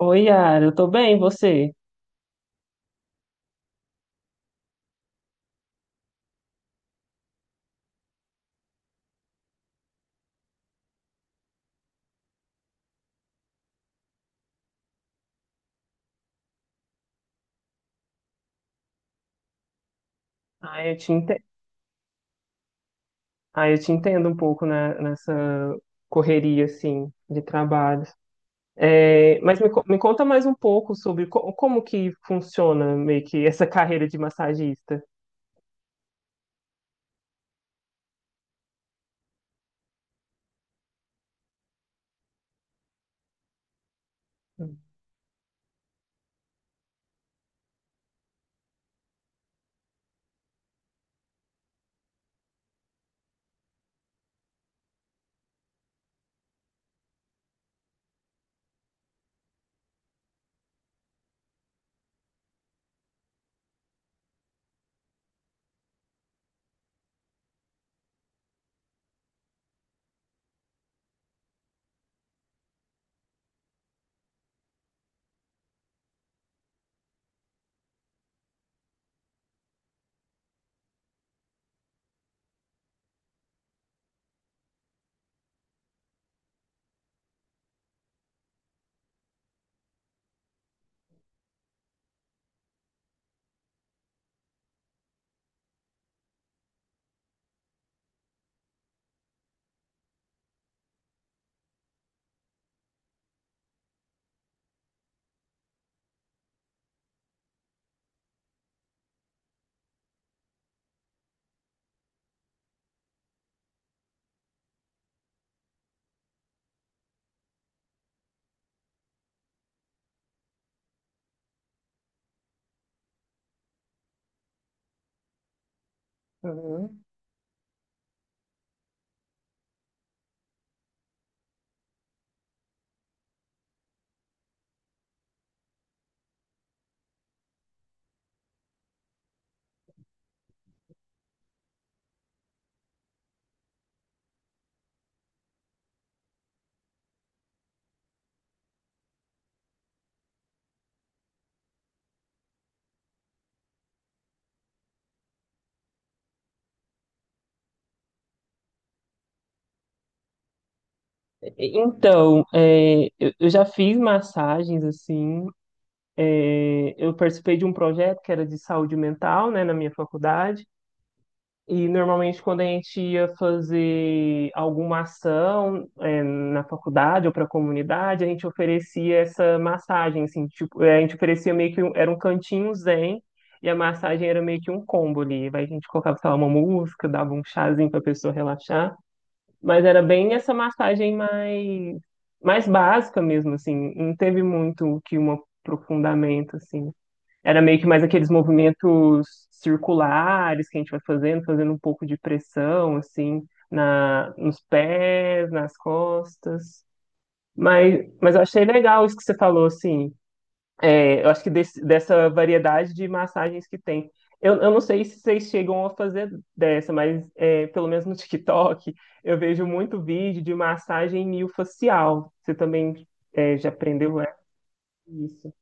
Oi, Yara, eu tô bem, e você? Ah, eu te entendo, ah, eu te entendo um pouco, né, nessa correria, assim, de trabalho. É, mas me conta mais um pouco sobre como que funciona meio que essa carreira de massagista. Uhum. Então, é, eu já fiz massagens, assim, é, eu participei de um projeto que era de saúde mental, né, na minha faculdade. E normalmente quando a gente ia fazer alguma ação, é, na faculdade ou para a comunidade, a gente oferecia essa massagem, assim, tipo, é, a gente oferecia meio que um, era um cantinho zen, e a massagem era meio que um combo ali. Aí a gente colocava, sei lá, uma música, dava um chazinho para a pessoa relaxar, mas era bem essa massagem mais básica mesmo, assim, não teve muito que um aprofundamento, assim. Era meio que mais aqueles movimentos circulares que a gente vai fazendo, fazendo um pouco de pressão, assim, nos pés, nas costas. Mas eu achei legal isso que você falou, assim. É, eu acho que dessa variedade de massagens que tem. Eu não sei se vocês chegam a fazer dessa, mas é, pelo menos no TikTok eu vejo muito vídeo de massagem miofacial. Você também, é, já aprendeu essa? Isso?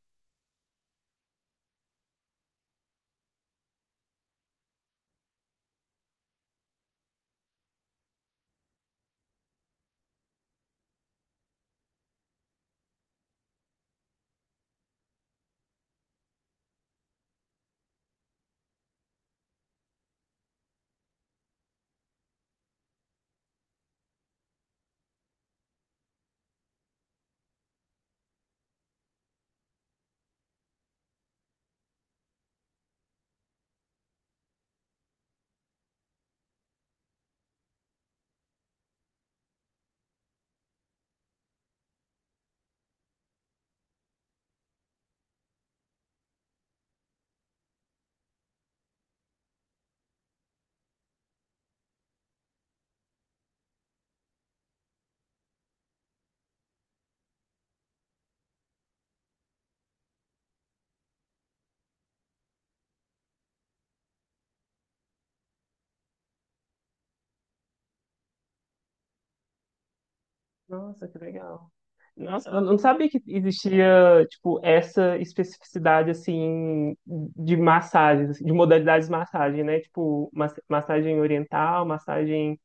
Nossa, que legal. Nossa, eu não sabia que existia, tipo, essa especificidade, assim, de massagens, assim, de modalidades de massagem, né? Tipo, mas- massagem oriental, massagem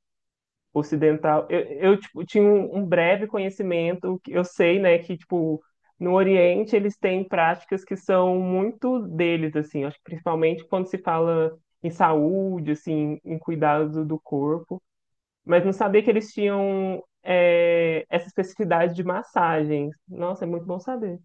ocidental. Eu, tipo, tinha um breve conhecimento, que eu sei, né, que, tipo, no Oriente eles têm práticas que são muito deles, assim, acho que principalmente quando se fala em saúde, assim, em cuidado do corpo. Mas não sabia que eles tinham, é, essa especificidade de massagens. Nossa, é muito bom saber.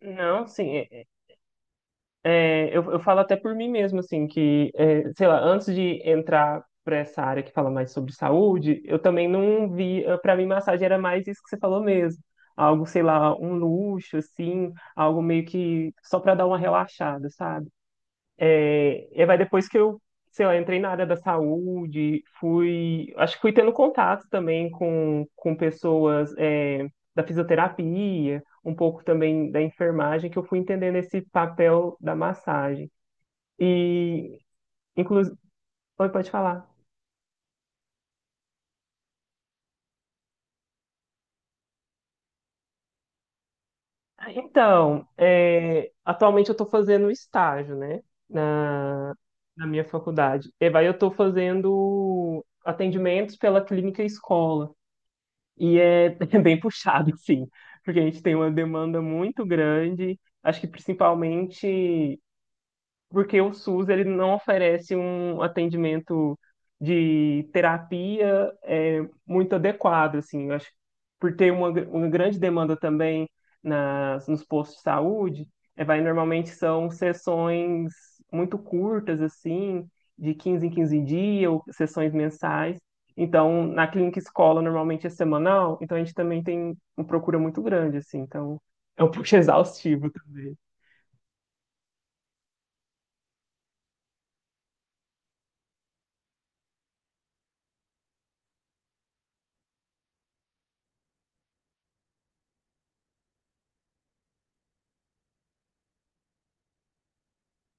Não, sim, eu falo até por mim mesmo, assim, que, é, sei lá, antes de entrar para essa área que fala mais sobre saúde, eu também não via, para mim, massagem era mais isso que você falou mesmo, algo, sei lá, um luxo, assim, algo meio que só para dar uma relaxada, sabe? E vai depois que eu, sei lá, entrei na área da saúde, fui, acho que fui tendo contato também com pessoas, é, da fisioterapia, um pouco também da enfermagem, que eu fui entendendo esse papel da massagem. E, inclusive, oi, pode falar. Ah, então, é, atualmente eu estou fazendo estágio, né, na, na minha faculdade. E vai, eu estou fazendo atendimentos pela clínica escola. E é bem puxado, sim, porque a gente tem uma demanda muito grande, acho que principalmente porque o SUS, ele não oferece um atendimento de terapia, é, muito adequado, assim, eu acho, que por ter uma, gr- uma grande demanda também nos postos de saúde, é, vai normalmente são sessões muito curtas, assim, de 15 em 15 dias, ou sessões mensais. Então, na clínica escola, normalmente é semanal, então a gente também tem uma procura muito grande, assim, então é um pouco exaustivo também.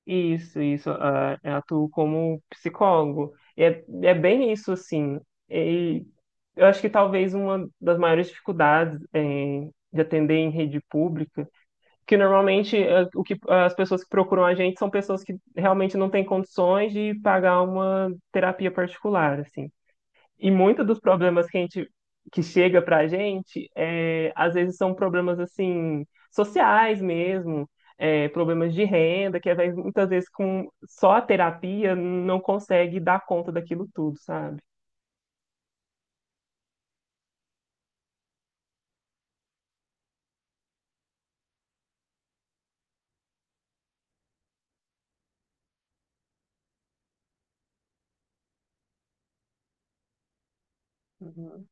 Isso, isso. Ah, eu atuo como psicólogo. E é, é bem isso, assim. E eu acho que talvez uma das maiores dificuldades em- de atender em rede pública, que normalmente, ah, o que, as pessoas que procuram a gente são pessoas que realmente não têm condições de pagar uma terapia particular, assim. E muitos dos problemas que a gente que chega pra gente, é, às vezes são problemas assim sociais mesmo, é, problemas de renda, que às vezes, muitas vezes com só a terapia não consegue dar conta daquilo tudo, sabe? Uhum.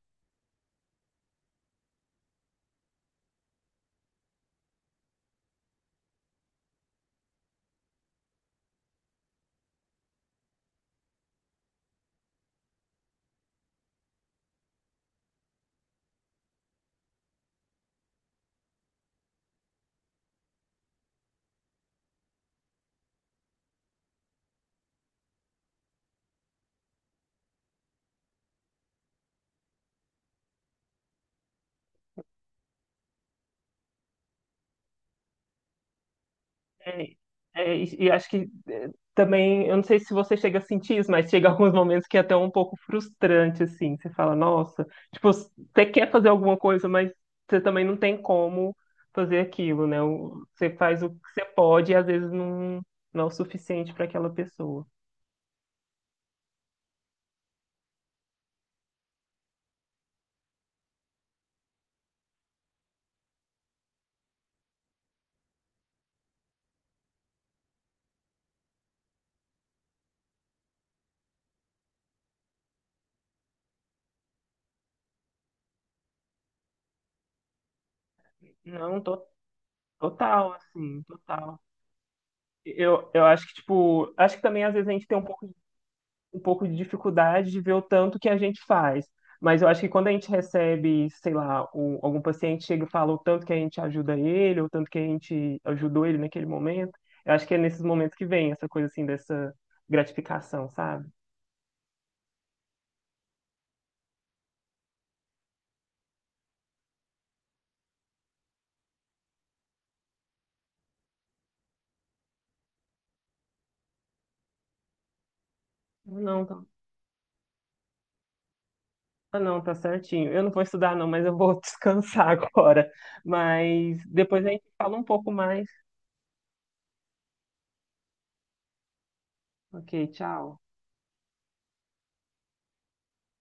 É, é, e acho que é, também, eu não sei se você chega a sentir isso, mas chega alguns momentos que é até um pouco frustrante, assim. Você fala, nossa, tipo, você quer fazer alguma coisa, mas você também não tem como fazer aquilo, né? O- Você faz o que você pode e às vezes não, não é o suficiente para aquela pessoa. Não, total, assim, total. Eu acho que, tipo, acho que também às vezes a gente tem um pouco de dificuldade de ver o tanto que a gente faz. Mas eu acho que quando a gente recebe, sei lá, o- algum paciente chega e fala o tanto que a gente ajuda ele, ou o tanto que a gente ajudou ele naquele momento, eu acho que é nesses momentos que vem essa coisa assim dessa gratificação, sabe? Ah, não, tá. Ah, não, tá certinho. Eu não vou estudar, não, mas eu vou descansar agora. Mas depois a gente fala um pouco mais. Ok, tchau.